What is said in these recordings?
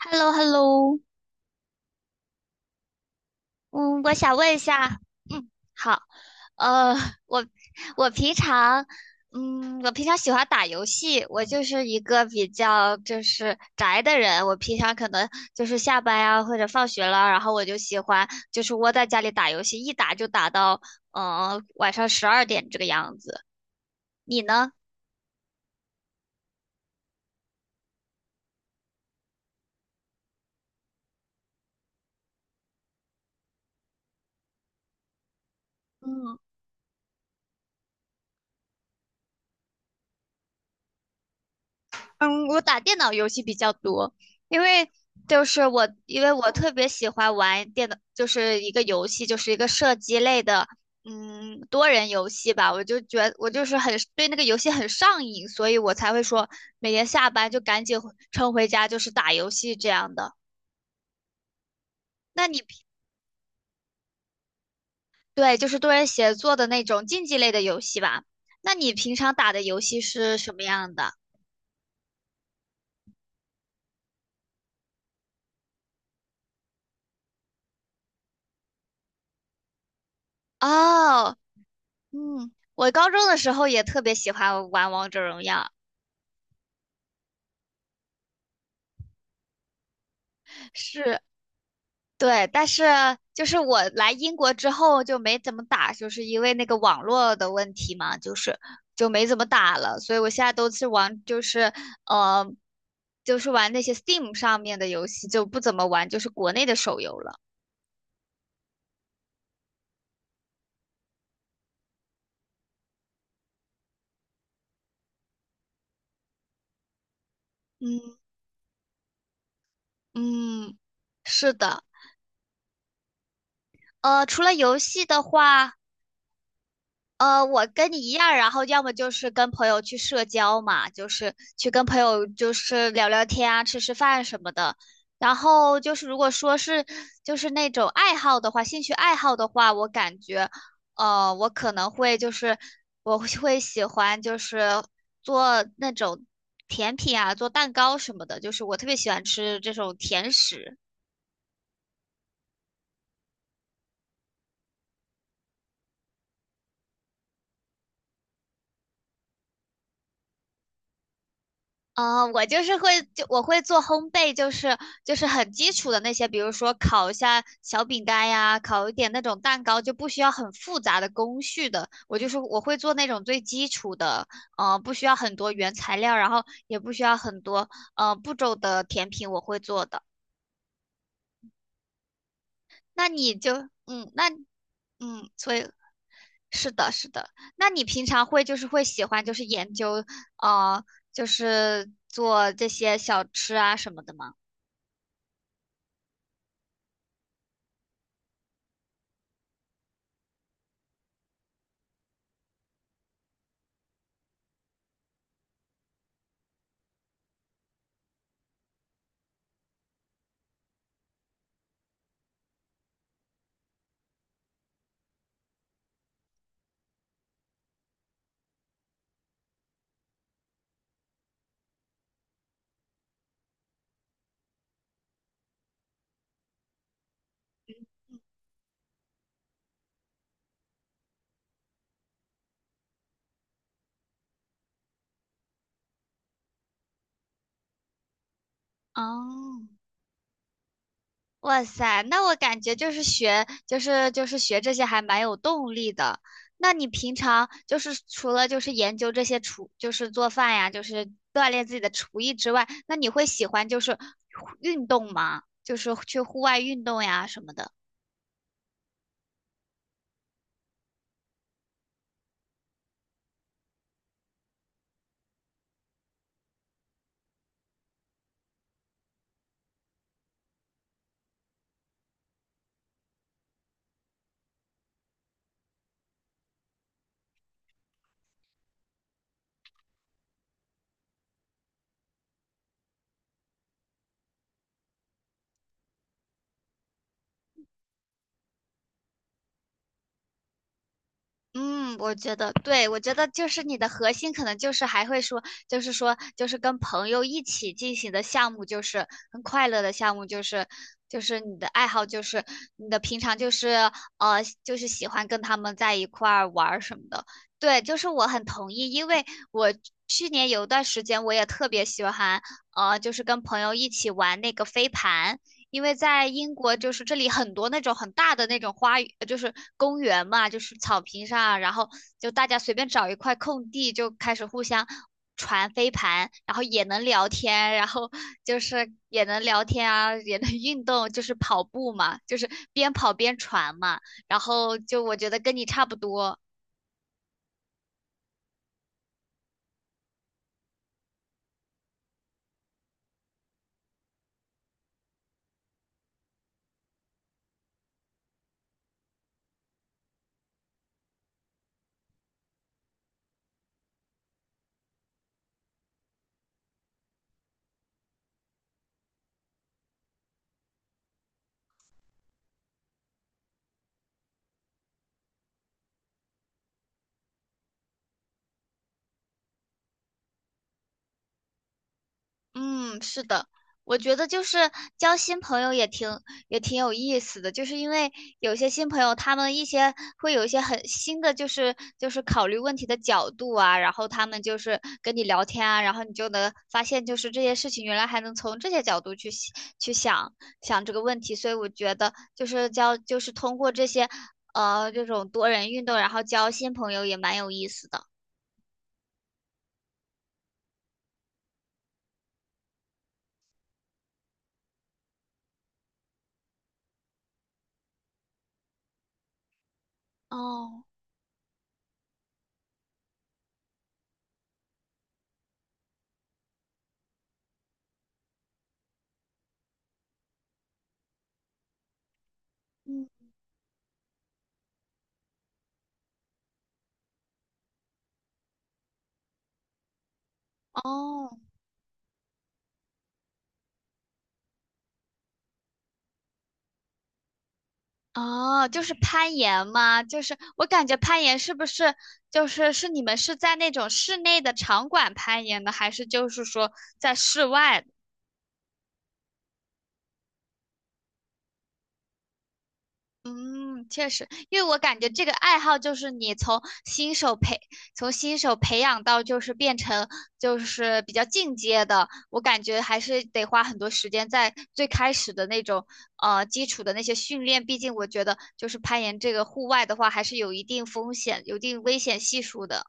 h e l l o h e l l o 嗯，我想问一下。嗯，好。呃，我我平常，嗯，我平常喜欢打游戏，我就是一个比较就是宅的人，我平常可能就是下班呀、或者放学了，然后我就喜欢就是窝在家里打游戏，一打就打到晚上12点这个样子。你呢？嗯，嗯，我打电脑游戏比较多，因为因为我特别喜欢玩电脑，就是一个游戏，就是一个射击类的，嗯，多人游戏吧。我就是很对那个游戏很上瘾，所以我才会说每天下班就赶紧回冲回家，就是打游戏这样的。那你平对，就是多人协作的那种竞技类的游戏吧？那你平常打的游戏是什么样的？哦，嗯，我高中的时候也特别喜欢玩王者荣耀。是，对，但是就是我来英国之后就没怎么打，就是因为那个网络的问题嘛，就是就没怎么打了，所以我现在都是玩，就是呃，就是玩那些 Steam 上面的游戏，就不怎么玩就是国内的手游了。嗯嗯，是的。除了游戏的话。我跟你一样，然后要么就是跟朋友去社交嘛，就是去跟朋友就是聊聊天啊，吃吃饭什么的。然后就是如果说是就是那种爱好的话，兴趣爱好的话，我感觉，我可能会就是我会喜欢就是做那种甜品啊，做蛋糕什么的，就是我特别喜欢吃这种甜食。啊，我就是会我会做烘焙，就是就是很基础的那些，比如说烤一下小饼干呀，烤一点那种蛋糕，就不需要很复杂的工序的。我就是我会做那种最基础的，不需要很多原材料，然后也不需要很多步骤的甜品，我会做的。那你就嗯，那嗯，所以是的，是的。那你平常会就是会喜欢就是研究，呃，就是做这些小吃啊什么的吗？哦，哇塞，那我感觉就是学，就是学这些还蛮有动力的。那你平常就是除了就是研究这些厨，就是做饭呀，就是锻炼自己的厨艺之外，那你会喜欢就是运动吗？就是去户外运动呀什么的。嗯，我觉得对，我觉得就是你的核心可能就是还会说，就是说，就是跟朋友一起进行的项目，就是很快乐的项目，就是就是你的爱好，就是你的平常就是就是喜欢跟他们在一块儿玩儿什么的。对，就是我很同意，因为我去年有一段时间我也特别喜欢，就是跟朋友一起玩那个飞盘。因为在英国就是这里很多那种很大的那种花园，就是公园嘛，就是草坪上啊，然后就大家随便找一块空地就开始互相传飞盘，然后也能聊天，然后就是也能聊天啊，也能运动，就是跑步嘛，就是边跑边传嘛，然后就我觉得跟你差不多。嗯，是的，我觉得就是交新朋友也挺有意思的，就是因为有些新朋友，他们一些会有一些很新的，就是就是考虑问题的角度啊，然后他们就是跟你聊天啊，然后你就能发现，就是这些事情原来还能从这些角度去想去想想这个问题，所以我觉得就是交就是通过这些这种多人运动，然后交新朋友也蛮有意思的。哦，嗯，哦。哦，就是攀岩吗？就是我感觉攀岩是不是就是是你们是在那种室内的场馆攀岩的，还是就是说在室外的嗯，确实，因为我感觉这个爱好就是你从新手培从新手培养到就是变成就是比较进阶的，我感觉还是得花很多时间在最开始的那种基础的那些训练，毕竟我觉得就是攀岩这个户外的话还是有一定风险、有一定危险系数的。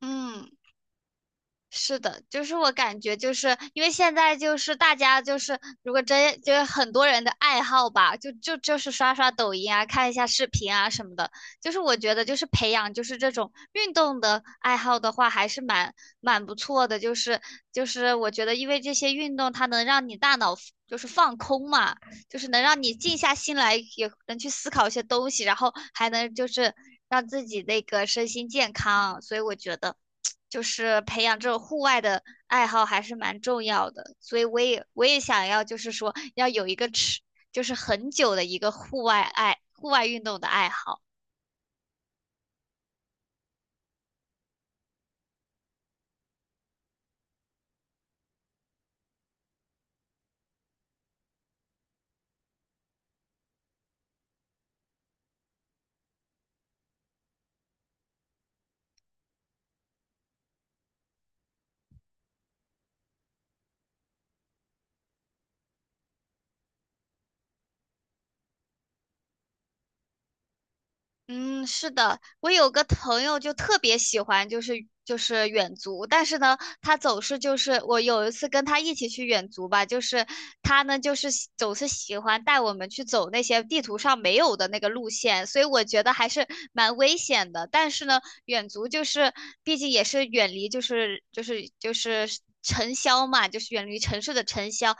嗯，是的，就是我感觉，就是因为现在就是大家就是，如果真就是很多人的爱好吧，就是刷刷抖音啊，看一下视频啊什么的。就是我觉得，就是培养就是这种运动的爱好的话，还是蛮蛮不错的。就是就是我觉得，因为这些运动它能让你大脑就是放空嘛，就是能让你静下心来，也能去思考一些东西，然后还能就是让自己那个身心健康。所以我觉得。就是培养这种户外的爱好还是蛮重要的，所以我也想要，就是说要有一个持，就是很久的一个户外运动的爱好。嗯，是的，我有个朋友就特别喜欢，就是就是远足，但是呢，他总是就是我有一次跟他一起去远足吧，就是他呢就是喜总是喜欢带我们去走那些地图上没有的那个路线，所以我觉得还是蛮危险的。但是呢，远足就是毕竟也是远离就是就是就是。尘嚣嘛，就是远离城市的尘嚣，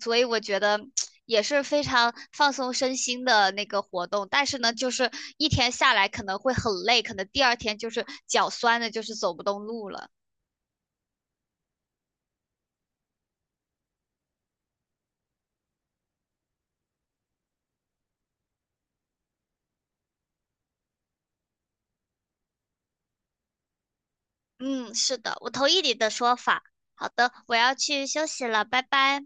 所以我觉得也是非常放松身心的那个活动。但是呢，就是一天下来可能会很累，可能第二天就是脚酸的，就是走不动路了。嗯，是的，我同意你的说法。好的，我要去休息了，拜拜。